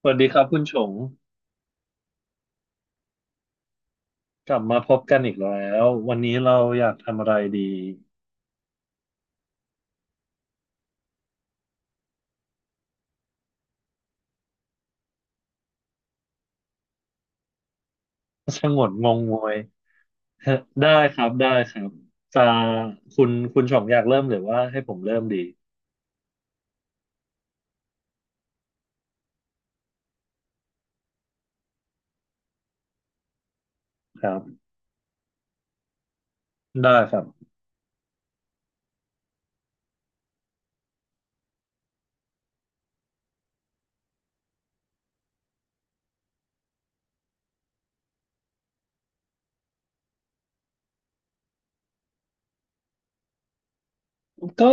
สวัสดีครับคุณชงกลับมาพบกันอีกแล้ววันนี้เราอยากทำอะไรดี สงวนงงงวย ได้ครับได้ครับจะคุณชงอยากเริ่มหรือว่าให้ผมเริ่มดีครับได้ครับก็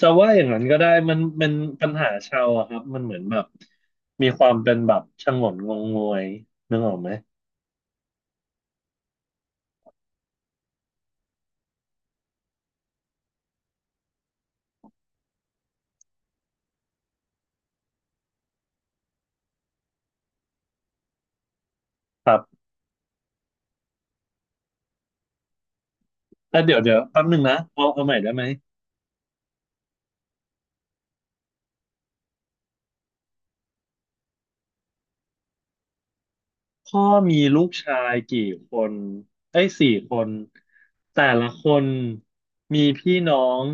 จะว่าอย่างนั้นก็ได้มันเป็นปัญหาชาวอะครับมันเหมือนแบบมีความเป็นแบบสงนงงงวยนึกออกไหมครับแต่เดี๋ยวแป๊บหนึงนะเอาใหม่ได้ไหม พ่อมีลูกชายกี่คนเอ้ยสี่คนแต่ละคนมีพี่น้อง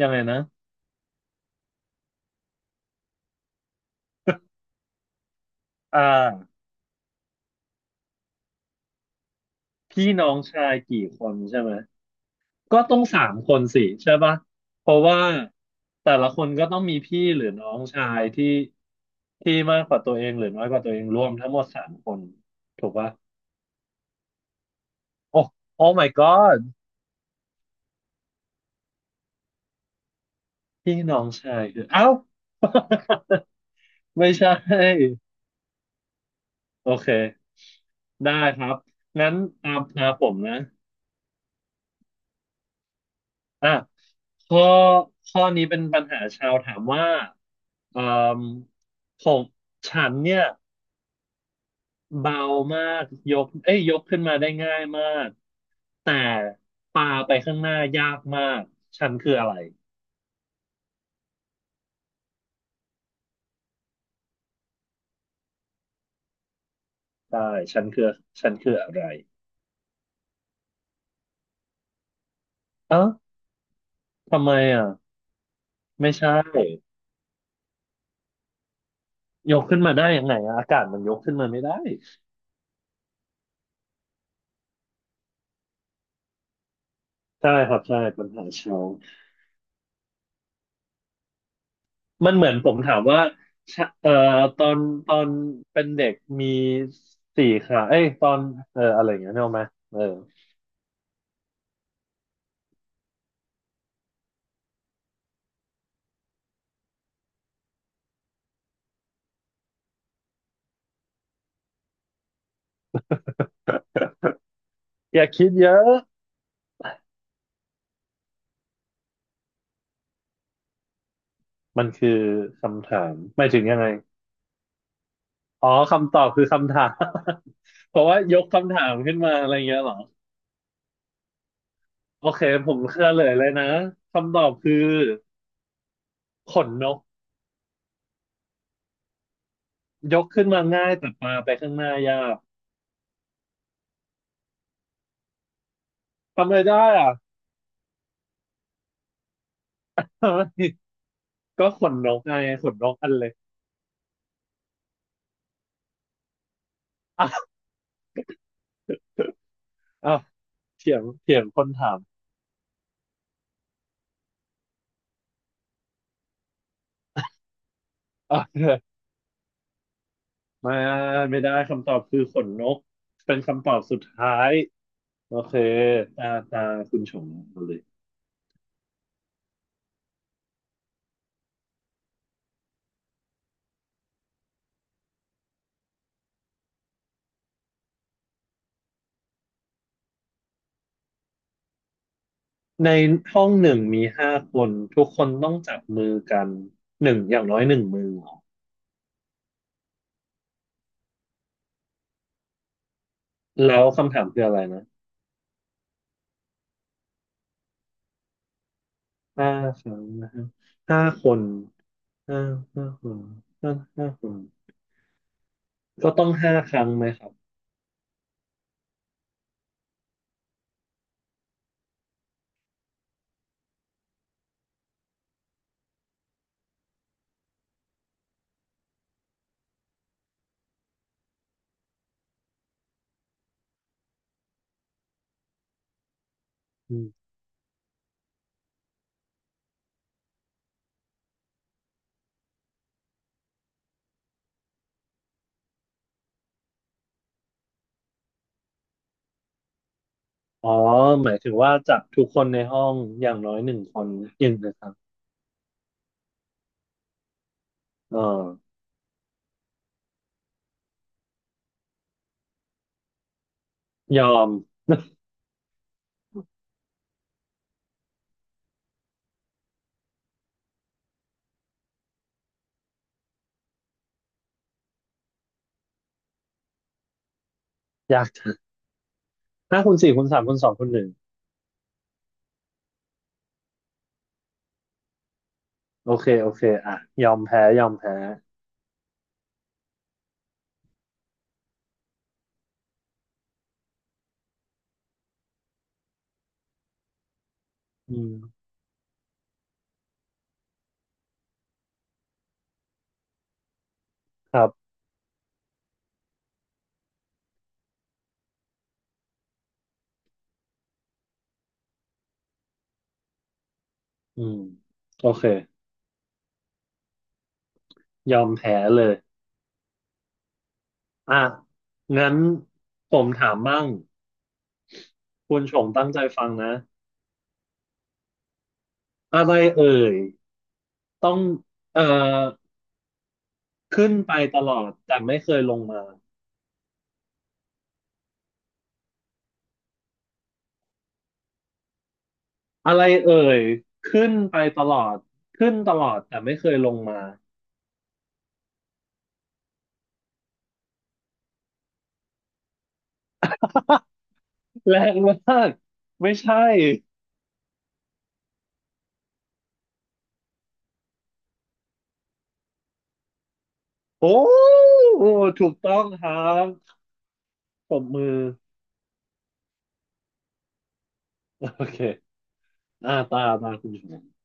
ยังไงนะอ่าพี่น้องชายกี่คนใช่ไหมก็ต้องสามคนสิใช่ปะเพราะว่าแต่ละคนก็ต้องมีพี่หรือน้องชายที่มากกว่าตัวเองหรือน้อยกว่าตัวเองรวมทั้งหมดสามคนถูกปะโอ้ Oh my god พี่น้องชายคือเอ้าไม่ใช่ โอเคได้ครับงั้นตามตาผมนะอ่ะข้อข้อนี้เป็นปัญหาชาวถามว่าเอ่มผมฉันเนี่ยเบามากยกเอ้ยยกขึ้นมาได้ง่ายมากแต่ปาไปข้างหน้ายากมากฉันคืออะไรได้ฉันคือฉันคืออะไรเอ้าทำไมอ่ะไม่ใช่ยกขึ้นมาได้ยังไงอะอากาศมันยกขึ้นมาไม่ได้ใช่ครับใช่ปัญหาชาว มันเหมือนผมถามว่าชะเอ่อตอนตอนเป็นเด็กมีสี่ขาเอ้ยตอนเอออะไรอย่างเงี้ยนึกออกไหมเอออย่าคิดเยอะมันคือคำถามไม่ถึงยังไงอ๋อคำตอบคือคำถาม เพราะว่ายกคำถามขึ้นมาอะไรเงี้ยเหรอโอเคผมเฉลยเลยนะคำตอบคือขนนกยกขึ้นมาง่ายแต่ปาไปข้างหน้ายากทำไมได้อ่ะ ก็ขนนกไงขนนกอันเล็ก อ้าวเถียงคนถาม เออไมาไม่ได้คำตอบคือขนนกเป็นคำตอบสุดท้ายโอเคตาตาคุณชงเาเลยในห้องหนึ่งมีห้าคนทุกคนต้องจับมือกันหนึ่งอย่างน้อยหนึ่งมือเหรอแล้วคำถามคืออะไรนะห้าครั้งนะฮะห้าคนห้าห้าคนห้าห้าคนก็ต้องห้าครั้งไหมครับอืมอ๋อหมายถึงว่าจับทุกคนในห้องอย่างน้อยหนึ่งคนอนึ่างนะครับเออยอมอยากจะ ห้าคูณสี่คูณสามคูณสองคูณหนึ่งโอเคโอเคอ่ะยอมแพ้อืมครับอืมโอเคยอมแพ้เลยอ่ะงั้นผมถามบ้างคุณชงตั้งใจฟังนะอะไรเอ่ยต้องเอ่อขึ้นไปตลอดแต่ไม่เคยลงมาอะไรเอ่ยขึ้นไปตลอดขึ้นตลอดแต่ไม่เคยลงมาแรงมากไม่ใช่โอ้ถูกต้องครับปรบมือ โอเคอ่าตามาคุณชง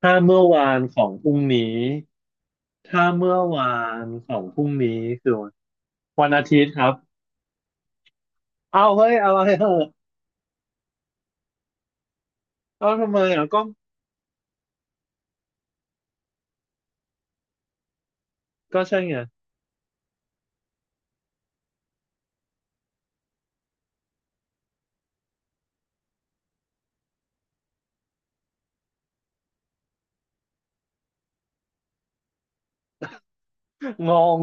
ถ้าเมื่อวานของพรุ่งนี้ถ้าเมื่อวานของพรุ่งนี้คือวันอาทิตย์ครับเอาเฮ้ยอะไรเหรอเอาทำไมอ่ะก็ก็ใช่ไงงง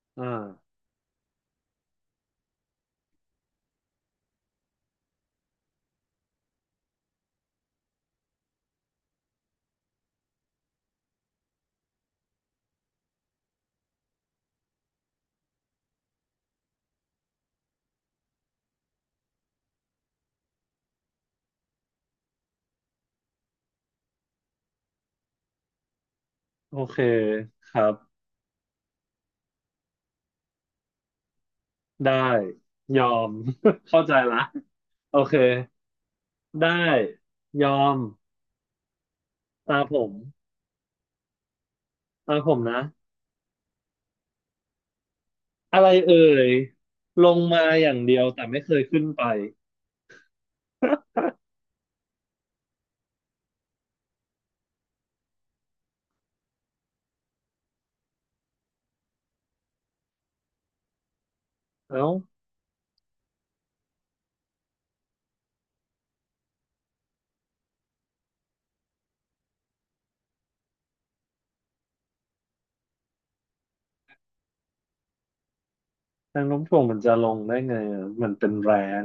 อ่าโอเคครับได้ยอม เข้าใจละโอเคได้ยอมตาผมตาผมนะ อะไรเอ่ยลงมาอย่างเดียวแต่ไม่เคยขึ้นไปเอ้า แรงโน้มถ่วงมันจะลงได้ไงอะมันเป็นแรง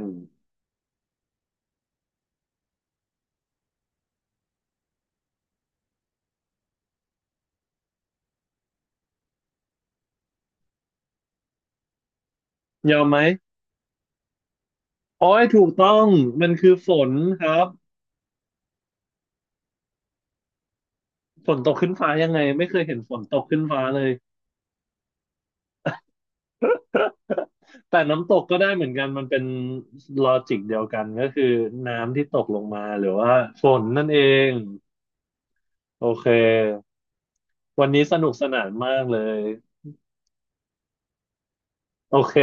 ยอมไหมโอ้ยถูกต้อง มันคือฝนครับฝนตกขึ้นฟ้ายังไงไม่เคยเห็นฝนตกขึ้นฟ้าเลย แต่น้ำตกก็ได้เหมือนกัน มันเป็นลอจิกเดียวกันก็คือน้ำที่ตกลงมาหรือว่าฝนนั่นเอง โอเค วันนี้สนุกสนานมากเลย โอเค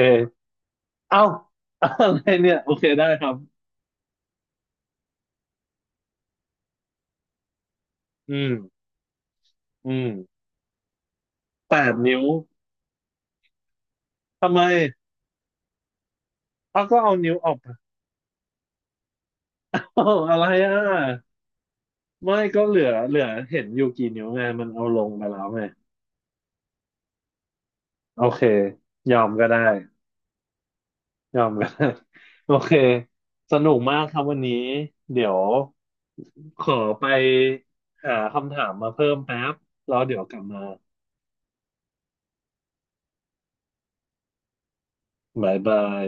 เอ้า อะไรเนี่ย โอเคได้ครับอืมอืมแปดนิ้วทำไมเอาก็เอานิ้วออก อะไรอ่ะ ไม่ก็เหลือเห็นอยู่กี่นิ้วไงมันเอาลงไปแล้วไงโอเคยอมก็ได้ยอมก็ได้ โอเคสนุกมากครับวันนี้เดี๋ยวขอไปหาคำถามมาเพิ่มแป๊บแล้วเดี๋ยวกลับมาบ๊ายบาย